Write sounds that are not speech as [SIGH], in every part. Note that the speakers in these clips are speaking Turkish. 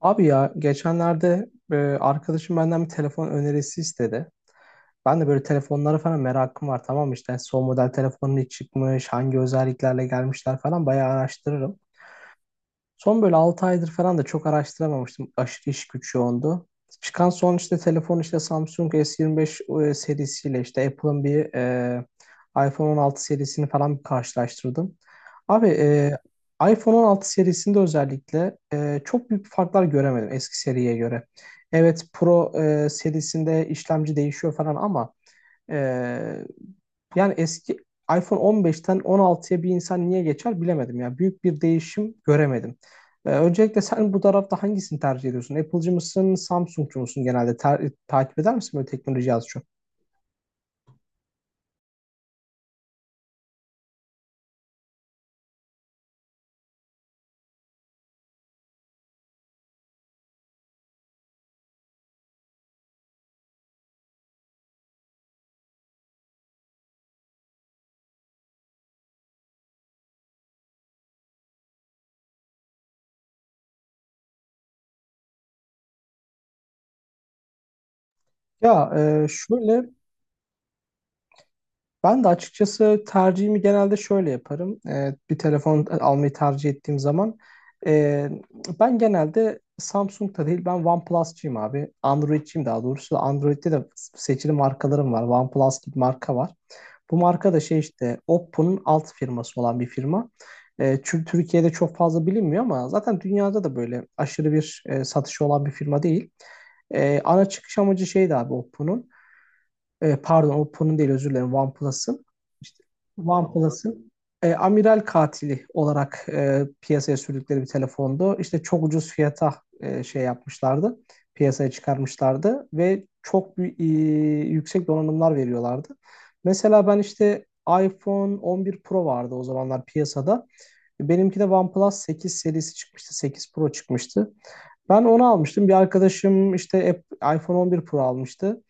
Abi ya geçenlerde arkadaşım benden bir telefon önerisi istedi. Ben de böyle telefonlara falan merakım var, tamam mı? İşte son model telefonun ne çıkmış, hangi özelliklerle gelmişler falan bayağı araştırırım. Son böyle 6 aydır falan da çok araştıramamıştım. Aşırı iş güç yoğundu. Çıkan son işte telefon işte Samsung S25 serisiyle işte Apple'ın bir iPhone 16 serisini falan bir karşılaştırdım. Abi, iPhone 16 serisinde özellikle çok büyük farklar göremedim eski seriye göre. Evet, Pro serisinde işlemci değişiyor falan ama ee, yani eski iPhone 15'ten 16'ya bir insan niye geçer bilemedim ya. Büyük bir değişim göremedim. Öncelikle sen bu tarafta hangisini tercih ediyorsun? Apple'cı mısın, Samsung'cu musun genelde? Takip eder misin böyle teknoloji az çok? Ya e, şöyle Ben de açıkçası tercihimi genelde şöyle yaparım. Bir telefon almayı tercih ettiğim zaman e, ben genelde Samsung'da değil, ben OnePlus'cıyım abi. Android'ciyim daha doğrusu. Android'de de seçili markalarım var. OnePlus gibi marka var. Bu marka da şey işte Oppo'nun alt firması olan bir firma. Çünkü Türkiye'de çok fazla bilinmiyor ama zaten dünyada da böyle aşırı bir satışı olan bir firma değil. Ana çıkış amacı şeydi abi Oppo'nun, pardon, Oppo'nun değil, özür dilerim, OnePlus'ın işte. Tamam. OnePlus'ın amiral katili olarak piyasaya sürdükleri bir telefondu. İşte çok ucuz fiyata şey yapmışlardı. Piyasaya çıkarmışlardı ve çok bir, yüksek donanımlar veriyorlardı. Mesela ben işte iPhone 11 Pro vardı o zamanlar piyasada. Benimki de OnePlus 8 serisi çıkmıştı. 8 Pro çıkmıştı. Ben onu almıştım. Bir arkadaşım işte iPhone 11 Pro almıştı.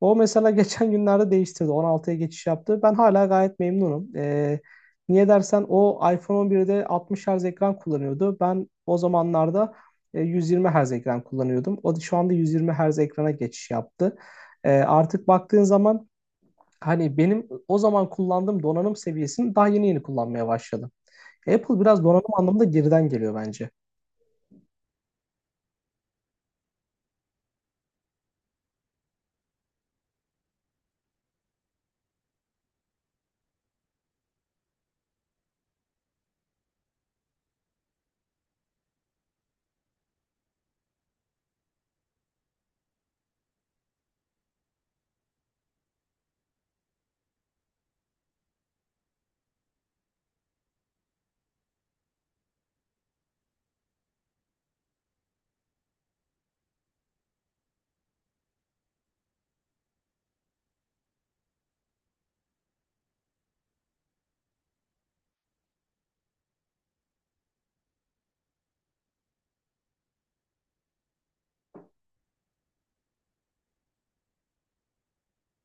O mesela [LAUGHS] geçen günlerde değiştirdi. 16'ya geçiş yaptı. Ben hala gayet memnunum. Niye dersen, o iPhone 11'de 60 Hz ekran kullanıyordu. Ben o zamanlarda 120 Hz ekran kullanıyordum. O da şu anda 120 Hz ekrana geçiş yaptı. Artık baktığın zaman hani benim o zaman kullandığım donanım seviyesini daha yeni yeni kullanmaya başladım. Apple biraz donanım anlamında geriden geliyor bence.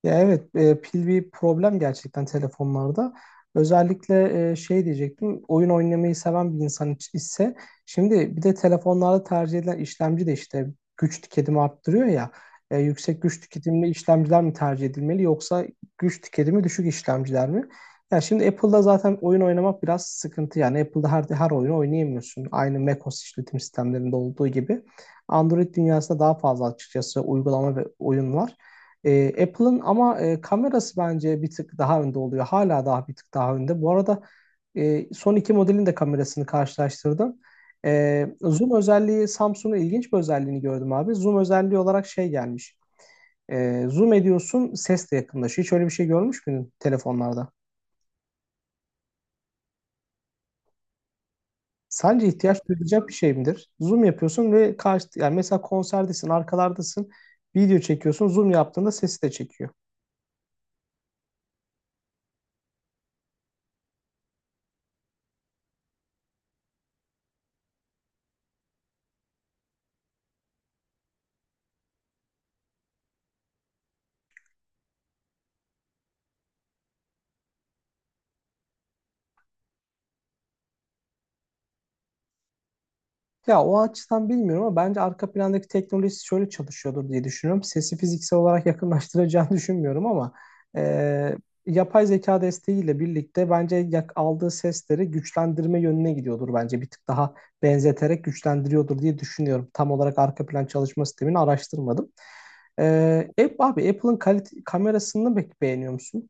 Ya evet, pil bir problem gerçekten telefonlarda. Özellikle şey diyecektim, oyun oynamayı seven bir insan ise şimdi bir de telefonlarda tercih edilen işlemci de işte güç tüketimi arttırıyor ya. Yüksek güç tüketimli işlemciler mi tercih edilmeli yoksa güç tüketimi düşük işlemciler mi? Ya şimdi Apple'da zaten oyun oynamak biraz sıkıntı, yani Apple'da her oyunu oynayamıyorsun. Aynı macOS işletim sistemlerinde olduğu gibi. Android dünyasında daha fazla açıkçası uygulama ve oyun var. Apple'ın ama kamerası bence bir tık daha önde oluyor. Hala daha bir tık daha önde. Bu arada son iki modelin de kamerasını karşılaştırdım. Zoom özelliği, Samsung'un ilginç bir özelliğini gördüm abi. Zoom özelliği olarak şey gelmiş. Zoom ediyorsun, ses de yakınlaşıyor. Hiç öyle bir şey görmüş müydün telefonlarda? Sence ihtiyaç duyulacak bir şey midir? Zoom yapıyorsun ve karşı, yani mesela konserdesin, arkalardasın, video çekiyorsun, zoom yaptığında sesi de çekiyor. Ya o açıdan bilmiyorum ama bence arka plandaki teknoloji şöyle çalışıyordur diye düşünüyorum. Sesi fiziksel olarak yakınlaştıracağını [LAUGHS] düşünmüyorum ama e, yapay zeka desteğiyle birlikte bence aldığı sesleri güçlendirme yönüne gidiyordur bence. Bir tık daha benzeterek güçlendiriyordur diye düşünüyorum. Tam olarak arka plan çalışma sistemini araştırmadım. E, Abi, Apple'ın kalite kamerasını pek beğeniyor musun?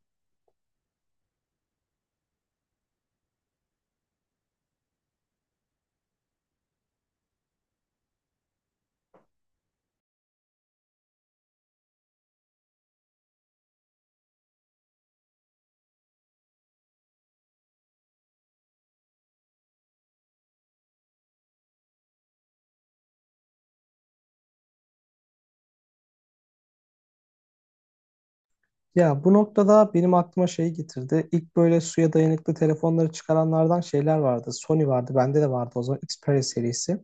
Ya, bu noktada benim aklıma şey getirdi. İlk böyle suya dayanıklı telefonları çıkaranlardan şeyler vardı. Sony vardı, bende de vardı o zaman Xperia serisi.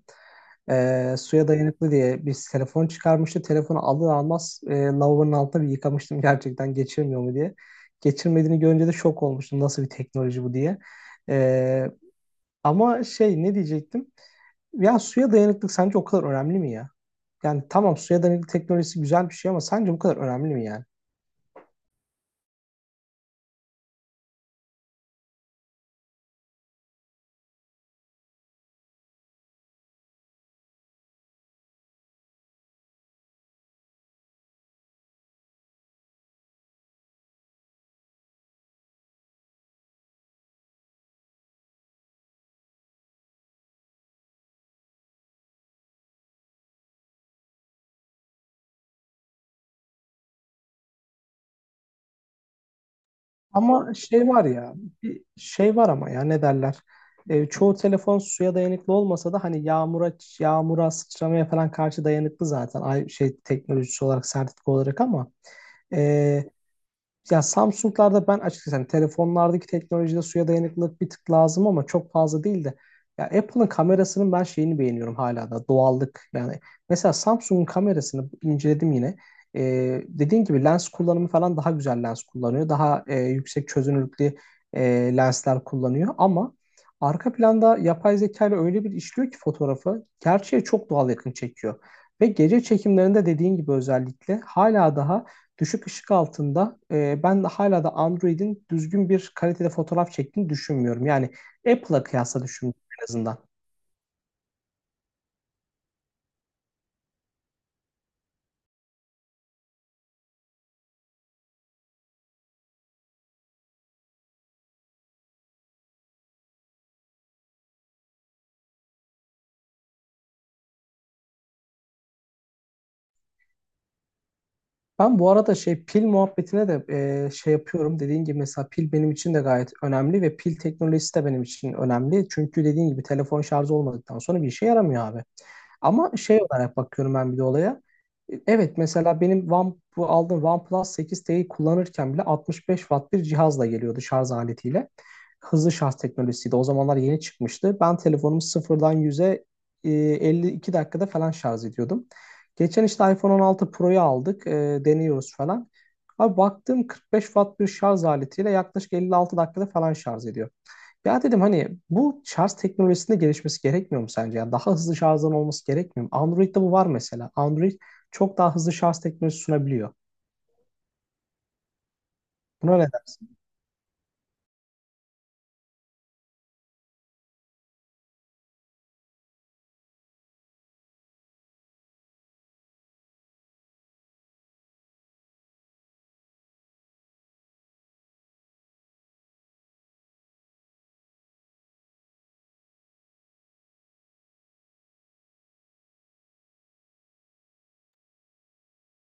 Suya dayanıklı diye bir telefon çıkarmıştı. Telefonu alır almaz lavabonun altına bir yıkamıştım [LAUGHS] gerçekten geçirmiyor mu diye. Geçirmediğini görünce de şok olmuştum. Nasıl bir teknoloji bu diye. Ee, Ama şey ne diyecektim? Ya suya dayanıklık sence o kadar önemli mi ya? Yani tamam, suya dayanıklı teknolojisi güzel bir şey ama sence bu kadar önemli mi yani? Ama şey var ya, bir şey var ama ya ne derler? Çoğu telefon suya dayanıklı olmasa da hani yağmura sıçramaya falan karşı dayanıklı zaten. Ay şey teknolojisi olarak, sertifika olarak ama e, yani Samsung'larda ben açıkçası hani telefonlardaki teknolojide suya dayanıklılık bir tık lazım ama çok fazla değil de ya Apple'ın kamerasının ben şeyini beğeniyorum hala da, doğallık yani. Mesela Samsung'un kamerasını inceledim yine. Dediğin gibi lens kullanımı falan daha güzel lens kullanıyor, daha yüksek çözünürlüklü e, lensler kullanıyor ama arka planda yapay zeka ile öyle bir işliyor ki fotoğrafı gerçeğe çok doğal yakın çekiyor ve gece çekimlerinde dediğin gibi özellikle hala daha düşük ışık altında ben de hala da Android'in düzgün bir kalitede fotoğraf çektiğini düşünmüyorum. Yani Apple'a kıyasla düşünüyorum en azından. Ben bu arada şey pil muhabbetine de şey yapıyorum. Dediğin gibi mesela pil benim için de gayet önemli ve pil teknolojisi de benim için önemli. Çünkü dediğin gibi telefon şarjı olmadıktan sonra bir işe yaramıyor abi. Ama şey olarak bakıyorum ben bir de olaya. Evet, mesela benim bu aldığım OnePlus 8T'yi kullanırken bile 65 watt bir cihazla geliyordu, şarj aletiyle. Hızlı şarj teknolojisiydi. O zamanlar yeni çıkmıştı. Ben telefonumu sıfırdan 100'e 52 dakikada falan şarj ediyordum. Geçen işte iPhone 16 Pro'yu aldık. Deniyoruz falan. Abi baktım 45 watt bir şarj aletiyle yaklaşık 56 dakikada falan şarj ediyor. Ya dedim hani bu şarj teknolojisinde gelişmesi gerekmiyor mu sence? Ya daha hızlı şarjdan olması gerekmiyor mu? Android'de bu var mesela. Android çok daha hızlı şarj teknolojisi sunabiliyor. Buna ne dersin?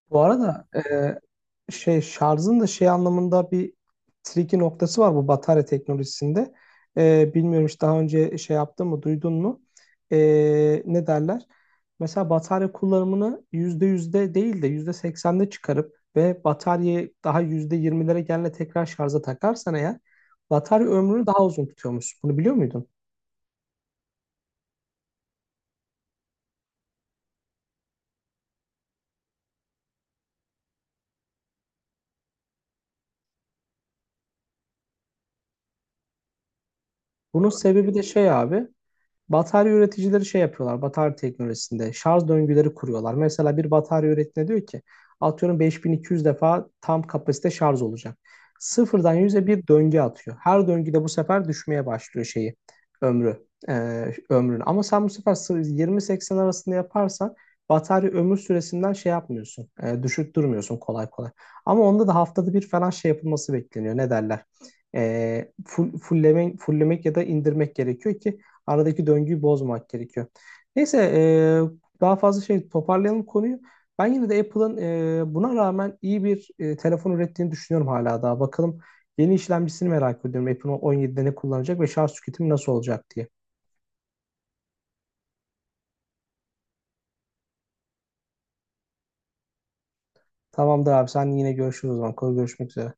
Bu arada şey şarjın da şey anlamında bir tricky noktası var bu batarya teknolojisinde. Bilmiyorum hiç daha önce şey yaptın mı, duydun mu? Ne derler? Mesela batarya kullanımını yüzde değil de %80'de çıkarıp ve bataryayı daha yüzde yirmilere gelene tekrar şarja takarsan eğer batarya ömrünü daha uzun tutuyormuş. Bunu biliyor muydun? Bunun sebebi de şey abi. Batarya üreticileri şey yapıyorlar, batarya teknolojisinde şarj döngüleri kuruyorlar. Mesela bir batarya üretine diyor ki, atıyorum 5200 defa tam kapasite şarj olacak. Sıfırdan 100'e bir döngü atıyor. Her döngüde bu sefer düşmeye başlıyor şeyi, ömrü, ömrünü. Ama sen bu sefer 20-80 arasında yaparsan batarya ömür süresinden şey yapmıyorsun, düşük durmuyorsun kolay kolay. Ama onda da haftada bir falan şey yapılması bekleniyor. Ne derler? Fulllemek ya da indirmek gerekiyor ki aradaki döngüyü bozmak gerekiyor. Neyse, daha fazla şey toparlayalım konuyu. Ben yine de Apple'ın buna rağmen iyi bir telefon ürettiğini düşünüyorum hala daha. Bakalım, yeni işlemcisini merak ediyorum. Apple on 17'de ne kullanacak ve şarj tüketimi nasıl olacak diye. Tamamdır abi, sen yine görüşürüz o zaman. Görüşmek üzere.